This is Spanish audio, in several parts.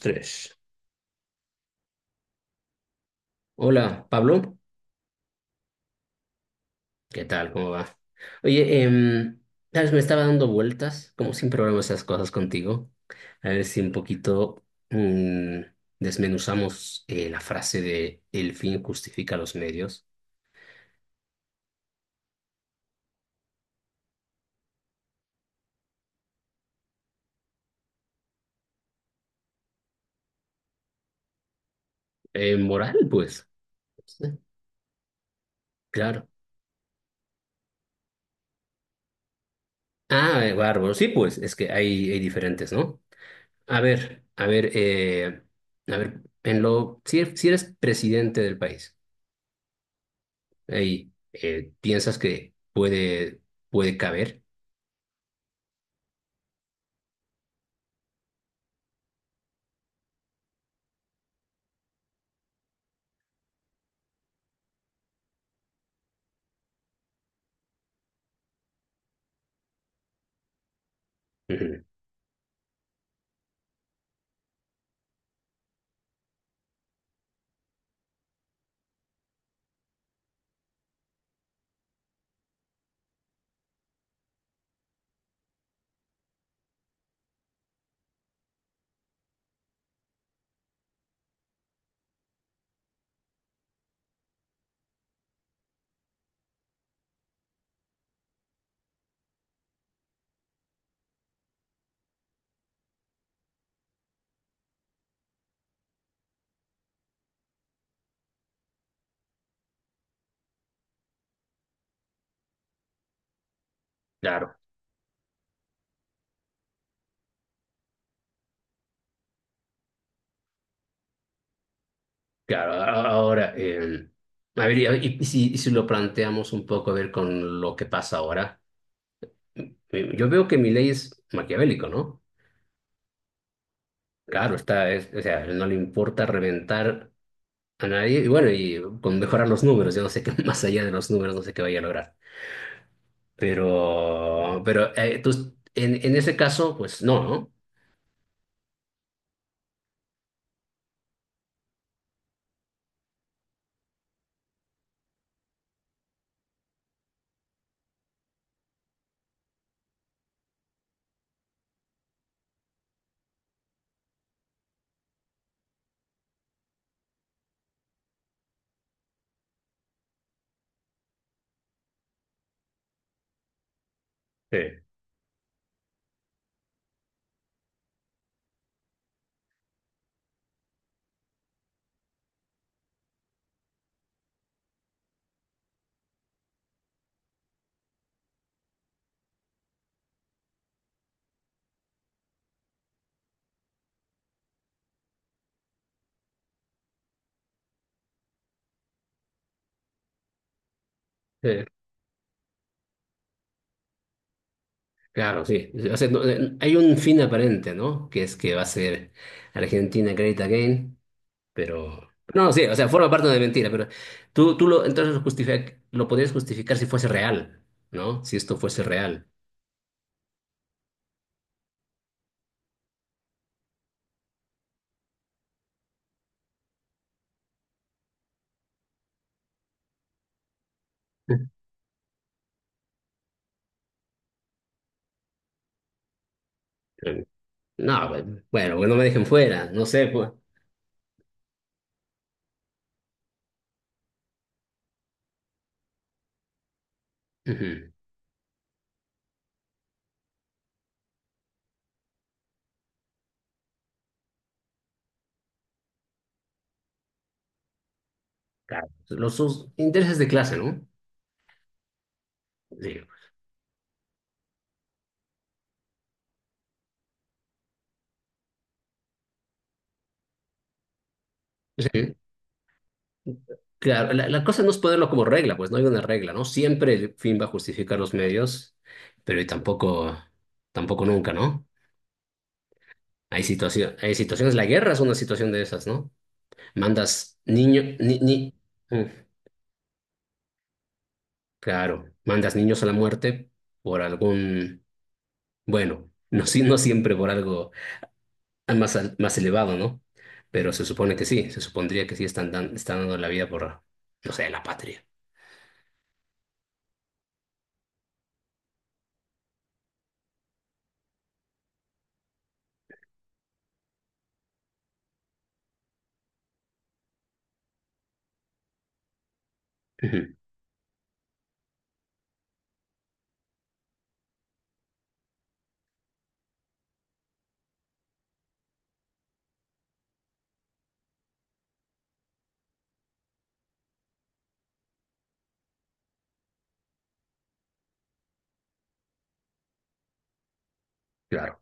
Tres. Hola, Pablo. ¿Qué tal? ¿Cómo va? Oye, sabes, me estaba dando vueltas, como siempre hablamos esas cosas contigo, a ver si un poquito mm, desmenuzamos la frase de el fin justifica los medios. Moral, pues. Sí, claro. Ah, bárbaro. Sí, pues, es que hay diferentes, ¿no? A ver, a ver, eh, a ver, si eres presidente del país. Y piensas que puede caber. Ujú. Claro, claro. Ahora, a ver, y si lo planteamos un poco, a ver, con lo que pasa ahora, yo veo que mi ley es maquiavélico, ¿no? Claro, está, o sea, no le importa reventar a nadie, y bueno, y con mejorar los números, yo no sé qué, más allá de los números, no sé qué vaya a lograr. Pero, en ese caso, pues no, ¿no? Sí. Sí. Claro, sí. O sea, hay un fin aparente, ¿no? Que es que va a ser Argentina Great Again, pero... No, sí, o sea, forma parte de mentira, pero entonces lo podrías justificar si fuese real, ¿no? Si esto fuese real. Eh, No, bueno, que no me dejen fuera, no sé, pues. Ujú. Claro. Los sus intereses de clase, ¿no? Sí. Claro, la cosa no es ponerlo como regla, pues no hay una regla, ¿no? Siempre el fin va a justificar los medios, pero tampoco nunca, ¿no? Hay hay situaciones, la guerra es una situación de esas, ¿no? Mandas niño, ni, ni- mm, Claro, mandas niños a la muerte por bueno, no, no siempre por algo más elevado, ¿no? Pero se supone que sí, se supondría que sí están dando la vida por, no sé, la patria. Ujú. Claro.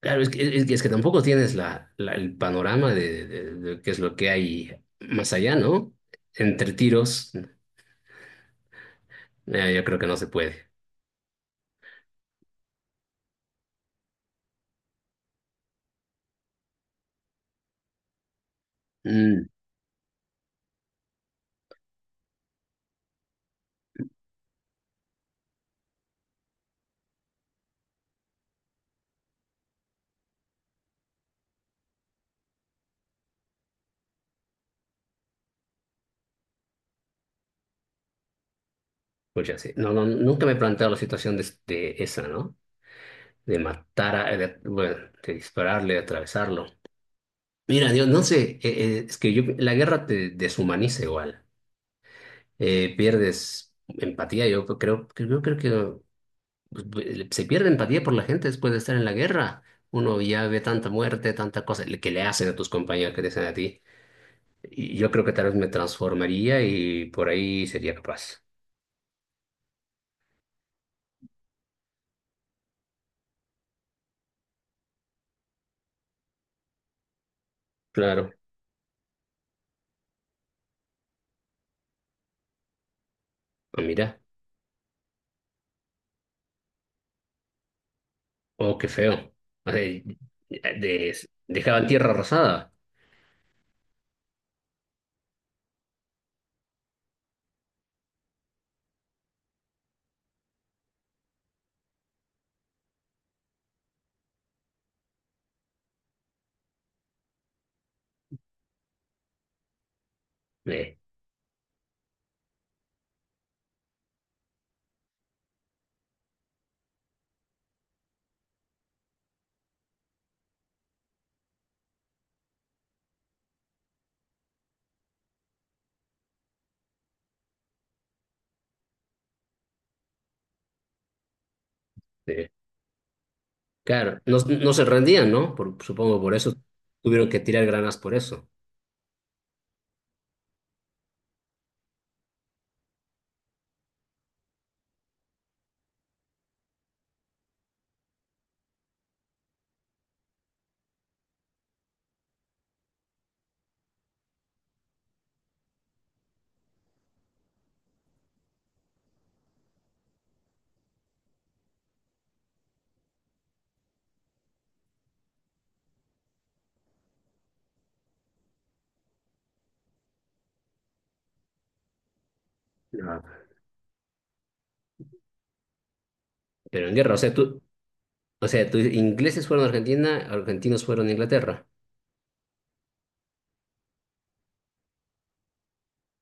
Claro, es que tampoco tienes la, el panorama de, de qué es lo que hay más allá, ¿no? Entre tiros, yo creo que no se puede. Mm. Pues ya sí. No, no, nunca me he planteado la situación de esa, ¿no? De matar, bueno, de dispararle, de atravesarlo. Mira, Dios, no sé, es que yo, la guerra te deshumaniza igual. Pierdes empatía, yo creo que pues, se pierde empatía por la gente después de estar en la guerra. Uno ya ve tanta muerte, tanta cosa que le hacen a tus compañeros que te hacen a ti. Y yo creo que tal vez me transformaría y por ahí sería capaz. Claro, pues mira, oh, qué feo. O sea, dejaban tierra arrasada. Eh, eh, claro, no, no se rendían, ¿no? Supongo por eso tuvieron que tirar granas por eso. No. Pero en guerra, o sea, tú, o sea, ingleses fueron a Argentina, argentinos fueron a Inglaterra.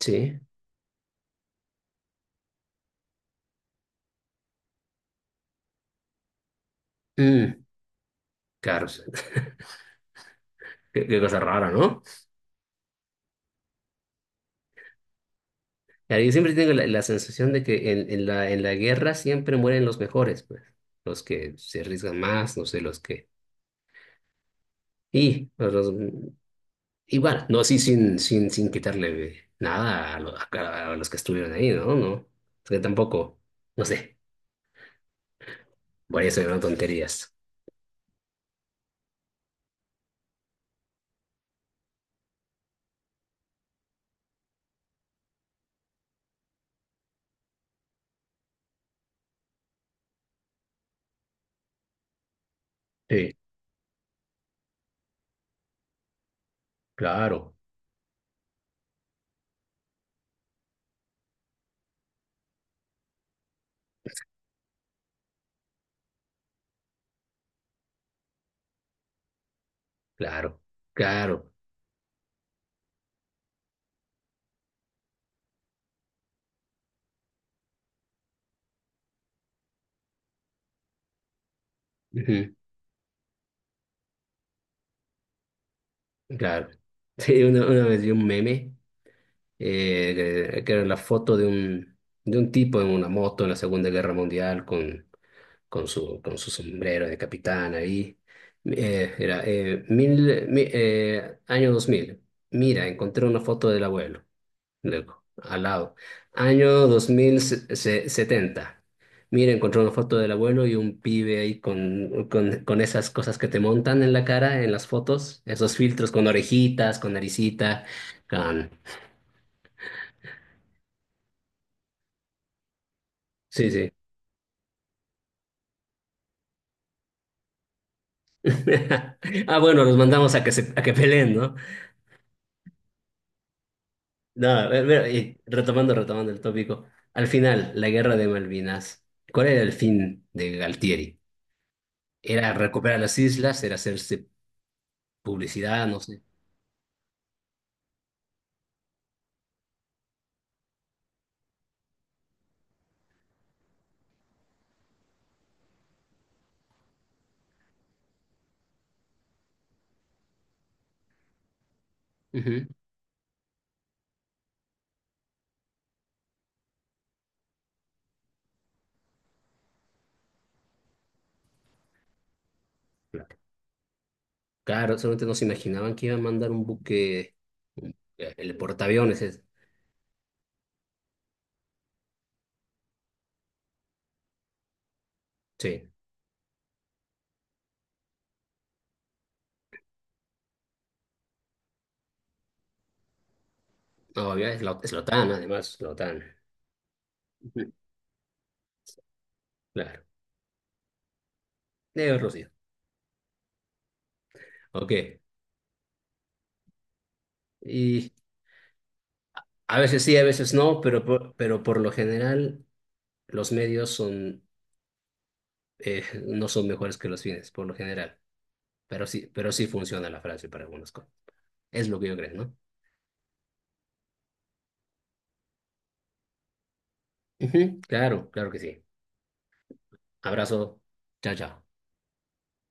Sí. Mm. Claro, o sea, qué cosa rara, ¿no? Claro, yo siempre tengo la sensación de que en la guerra siempre mueren los mejores, pues, los que se arriesgan más, no sé, los que... Y, pues, igual, no así sin, sin quitarle nada a, a los que estuvieron ahí, ¿no? No, o sea, tampoco, no sé, por eso eran tonterías. Sí, claro, claro, claro, ujú, claro. Sí, una vez vi un meme que era la foto de un tipo en una moto en la Segunda Guerra Mundial con, con su sombrero de capitán ahí. Era año 2000. Mira, encontré una foto del abuelo. Luego, al lado. Año 2070. Mira, encontré una foto del abuelo y un pibe ahí con, con esas cosas que te montan en la cara, en las fotos, esos filtros con orejitas, con naricita, con... Sí, sí. Ah, bueno, los mandamos a que se, a que peleen, ¿no? No, a mira, y retomando, retomando el tópico. Al final, la guerra de Malvinas, ¿cuál era el fin de Galtieri? ¿Era recuperar las islas? ¿Era hacerse publicidad? No sé. Ujú. Claro, solamente no se imaginaban que iba a mandar un buque, el portaaviones. Sí, no, obvio, es la OTAN, además, la OTAN. Ujú. Claro, de Rusia. Ok, y a veces sí, a veces no, pero por lo general. Los medios son, no son mejores que los fines, por lo general, pero sí funciona la frase para algunas cosas. Es lo que yo creo, ¿no? Ujú, claro, claro que sí. Abrazo. Chao, chao.